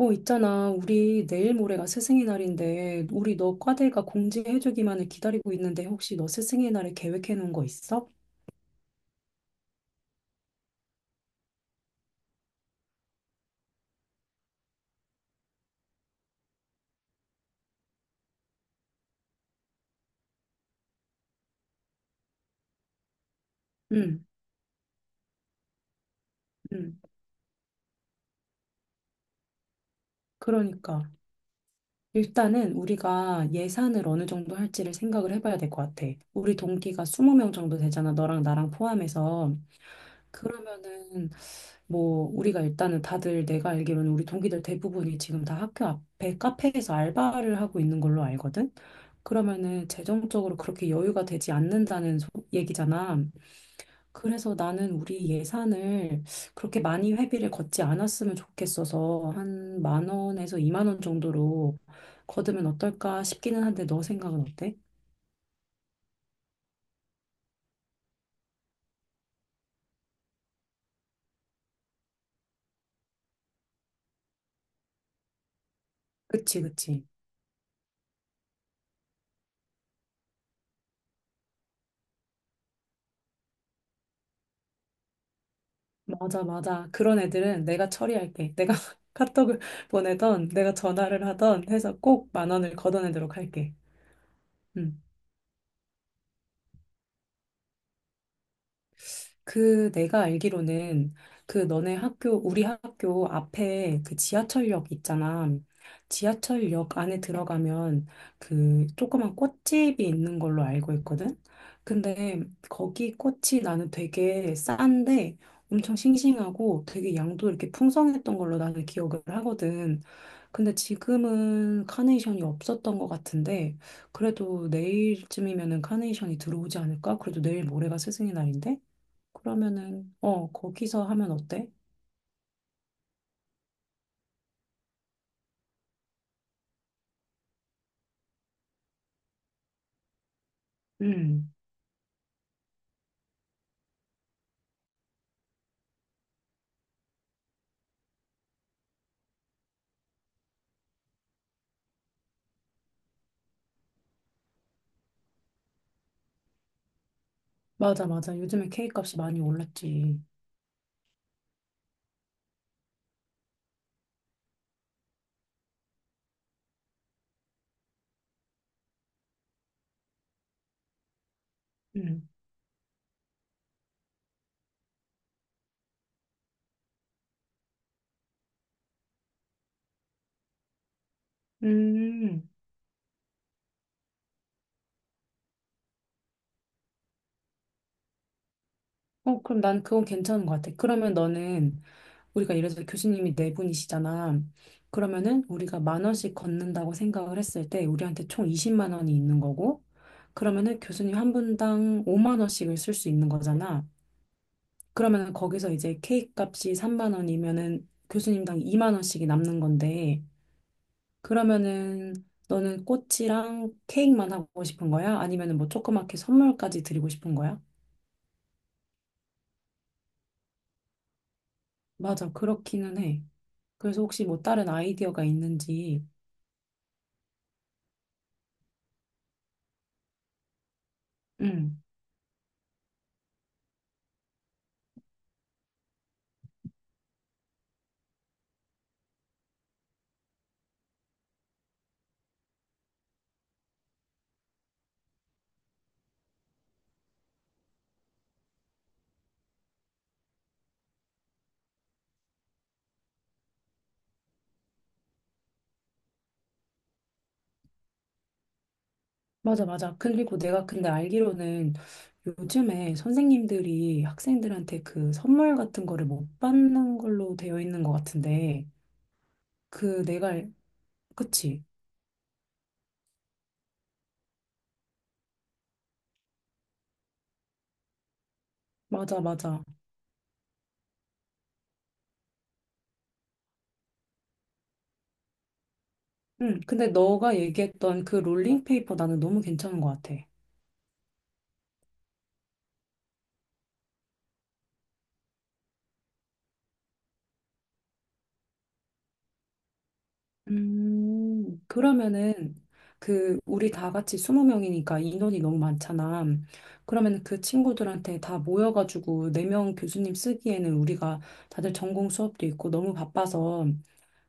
어, 있잖아. 우리 내일 모레가 스승의 날인데, 우리 너 과대가 공지해주기만을 기다리고 있는데, 혹시 너 스승의 날에 계획해 놓은 거 있어? 응, 응. 그러니까. 일단은 우리가 예산을 어느 정도 할지를 생각을 해봐야 될 것 같아. 우리 동기가 20명 정도 되잖아. 너랑 나랑 포함해서. 그러면은 뭐 우리가 일단은 다들 내가 알기로는 우리 동기들 대부분이 지금 다 학교 앞에 카페에서 알바를 하고 있는 걸로 알거든. 그러면은 재정적으로 그렇게 여유가 되지 않는다는 얘기잖아. 그래서 나는 우리 예산을 그렇게 많이 회비를 걷지 않았으면 좋겠어서 한 만 원에서 2만 원 정도로 걷으면 어떨까 싶기는 한데 너 생각은 어때? 그치, 그치. 맞아, 맞아. 그런 애들은 내가 처리할게. 내가 카톡을 보내던, 내가 전화를 하던 해서 꼭 만 원을 걷어내도록 할게. 음. 그 내가 알기로는 그 너네 학교, 우리 학교 앞에 그 지하철역 있잖아. 지하철역 안에 들어가면 그 조그만 꽃집이 있는 걸로 알고 있거든. 근데 거기 꽃이 나는 되게 싼데 엄청 싱싱하고 되게 양도 이렇게 풍성했던 걸로 나는 기억을 하거든. 근데 지금은 카네이션이 없었던 것 같은데 그래도 내일쯤이면은 카네이션이 들어오지 않을까? 그래도 내일 모레가 스승의 날인데? 그러면은, 어, 거기서 하면 어때? 음, 맞아, 맞아. 요즘에 K값이 많이 올랐지. 음, 음, 어, 그럼 난 그건 괜찮은 것 같아. 그러면 너는, 우리가 예를 들어 교수님이 네 분이시잖아. 그러면은 우리가 1만 원씩 걷는다고 생각을 했을 때, 우리한테 총 20만 원이 있는 거고, 그러면은 교수님 한 분당 5만 원씩을 쓸 수 있는 거잖아. 그러면은 거기서 이제 K값이 3만 원이면은 교수님당 2만 원씩이 남는 건데, 그러면은 너는 꽃이랑 케이크만 하고 싶은 거야? 아니면은 뭐 조그맣게 선물까지 드리고 싶은 거야? 맞아, 그렇기는 해. 그래서 혹시 뭐 다른 아이디어가 있는지. 응, 맞아, 맞아. 그리고 내가 근데 알기로는 요즘에 선생님들이 학생들한테 그 선물 같은 거를 못 받는 걸로 되어 있는 것 같은데, 그 내가, 알- 그치? 맞아, 맞아. 응, 근데 너가 얘기했던 그 롤링페이퍼 나는 너무 괜찮은 것 같아. 그러면은 그 우리 다 같이 20명이니까 인원이 너무 많잖아. 그러면 그 친구들한테 다 모여가지고 4명 교수님 쓰기에는 우리가 다들 전공 수업도 있고 너무 바빠서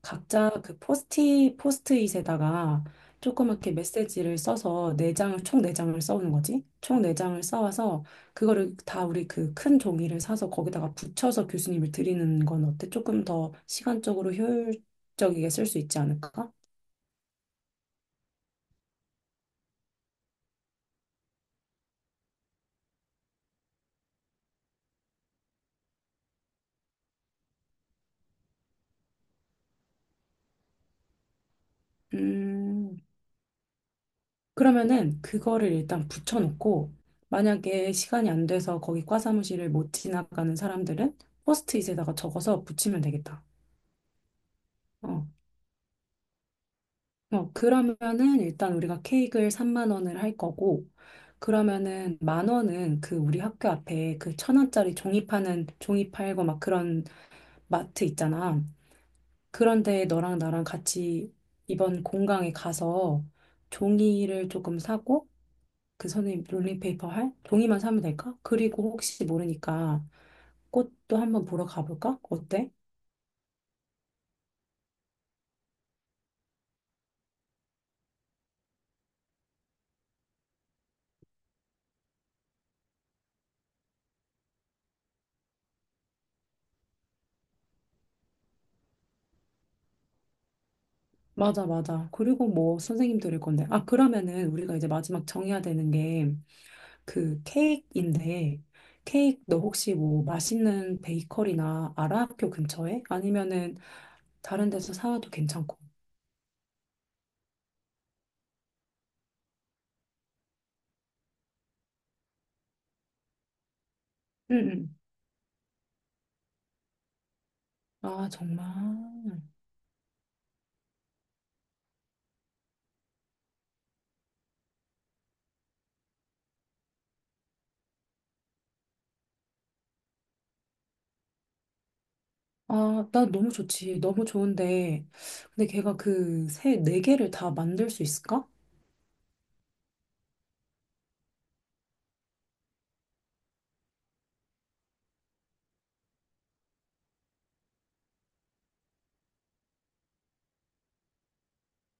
각자 그 포스트잇에다가 조그맣게 메시지를 써서 네 장 총 네 장을 써오는 거지. 총 네 장을 써와서 그거를 다 우리 그 큰 종이를 사서 거기다가 붙여서 교수님을 드리는 건 어때? 조금 더 시간적으로 효율적이게 쓸 수 있지 않을까? 음, 그러면은 그거를 일단 붙여놓고 만약에 시간이 안 돼서 거기 과사무실을 못 지나가는 사람들은 포스트잇에다가 적어서 붙이면 되겠다. 어. 어, 그러면은 일단 우리가 케이크를 3만 원을 할 거고, 그러면은 만 원은 그 우리 학교 앞에 그 1,000원짜리 종이 파는 종이 팔고 막 그런 마트 있잖아. 그런데 너랑 나랑 같이 이번 공강에 가서 종이를 조금 사고, 그 선생님 롤링페이퍼 할 종이만 사면 될까? 그리고 혹시 모르니까 꽃도 한번 보러 가볼까? 어때? 맞아, 맞아. 그리고 뭐 선생님 들을 건데. 아, 그러면은 우리가 이제 마지막 정해야 되는 게 그 케이크인데 케이크 너 혹시 뭐 맛있는 베이커리나 알아? 학교 근처에? 아니면은 다른 데서 사와도 괜찮고. 응응. 아 정말. 아 나 너무 좋지. 너무 좋은데 근데 걔가 그 세 네 개를 다 만들 수 있을까?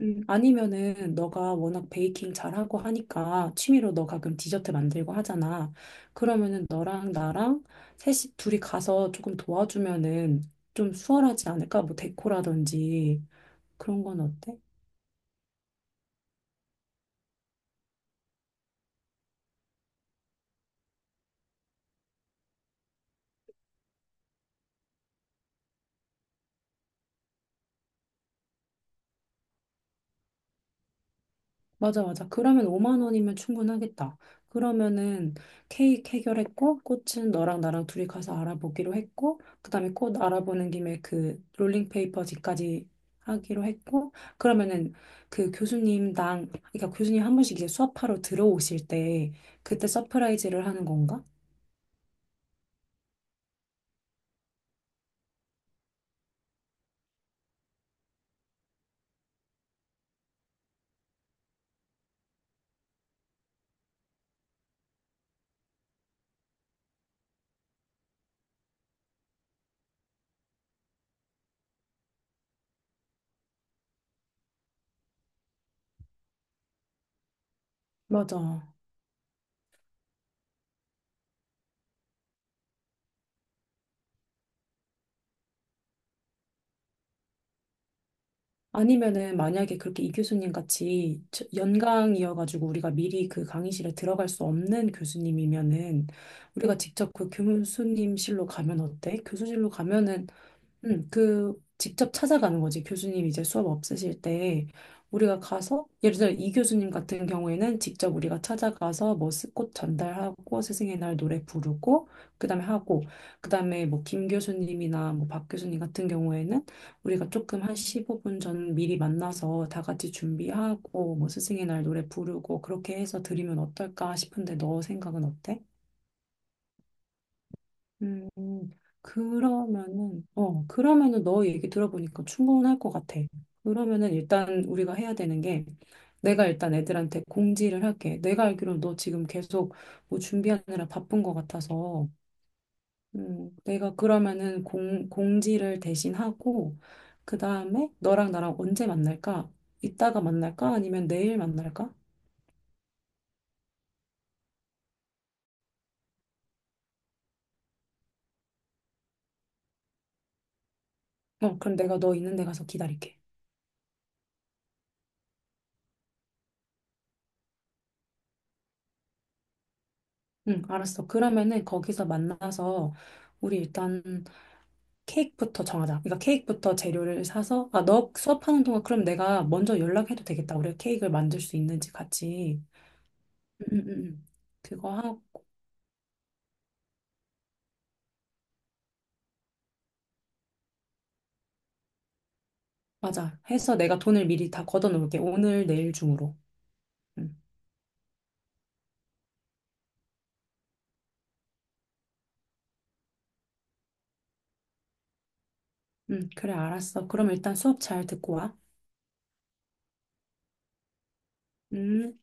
아니면은 너가 워낙 베이킹 잘하고 하니까 취미로 너 가끔 디저트 만들고 하잖아. 그러면은 너랑 나랑 셋이 둘이 가서 조금 도와주면은 좀 수월하지 않을까? 뭐 데코라든지 그런 건 어때? 맞아, 맞아. 그러면 5만 원이면 충분하겠다. 그러면은 케이크 해결했고, 꽃은 너랑 나랑 둘이 가서 알아보기로 했고, 그다음에 꽃 알아보는 김에 그 롤링페이퍼지까지 하기로 했고, 그러면은 그 교수님당, 그러니까 교수님 한 번씩 이제 수업하러 들어오실 때, 그때 서프라이즈를 하는 건가? 맞아. 아니면은 만약에 그렇게 이 교수님 같이 연강이어가지고 우리가 미리 그 강의실에 들어갈 수 없는 교수님이면은 우리가 직접 그 교수님실로 가면 어때? 교수실로 가면은 그 직접 찾아가는 거지. 교수님 이제 수업 없으실 때 우리가 가서 예를 들어 이 교수님 같은 경우에는 직접 우리가 찾아가서 뭐 꽃 전달하고 스승의 날 노래 부르고 그다음에 하고 그다음에 뭐 김 교수님이나 뭐 박 교수님 같은 경우에는 우리가 조금 한 15분 전 미리 만나서 다 같이 준비하고 뭐 스승의 날 노래 부르고 그렇게 해서 드리면 어떨까 싶은데 너 생각은 어때? 음, 그러면은, 어, 그러면은 너 얘기 들어보니까 충분할 것 같아. 그러면은 일단 우리가 해야 되는 게, 내가 일단 애들한테 공지를 할게. 내가 알기로는 너 지금 계속 뭐 준비하느라 바쁜 것 같아서, 내가 그러면은 공지를 대신 하고, 그 다음에 너랑 나랑 언제 만날까? 이따가 만날까? 아니면 내일 만날까? 어, 그럼 내가 너 있는 데 가서 기다릴게. 응, 알았어. 그러면은 거기서 만나서, 우리 일단 케이크부터 정하자. 그러니까 케이크부터 재료를 사서, 아, 너 수업하는 동안 그럼 내가 먼저 연락해도 되겠다. 우리가 케이크를 만들 수 있는지 같이. 음, 음, 음. 그거 하고, 맞아. 해서 내가 돈을 미리 다 걷어놓을게. 오늘, 내일 중으로. 음, 그래, 알았어. 그럼 일단 수업 잘 듣고 와. 음.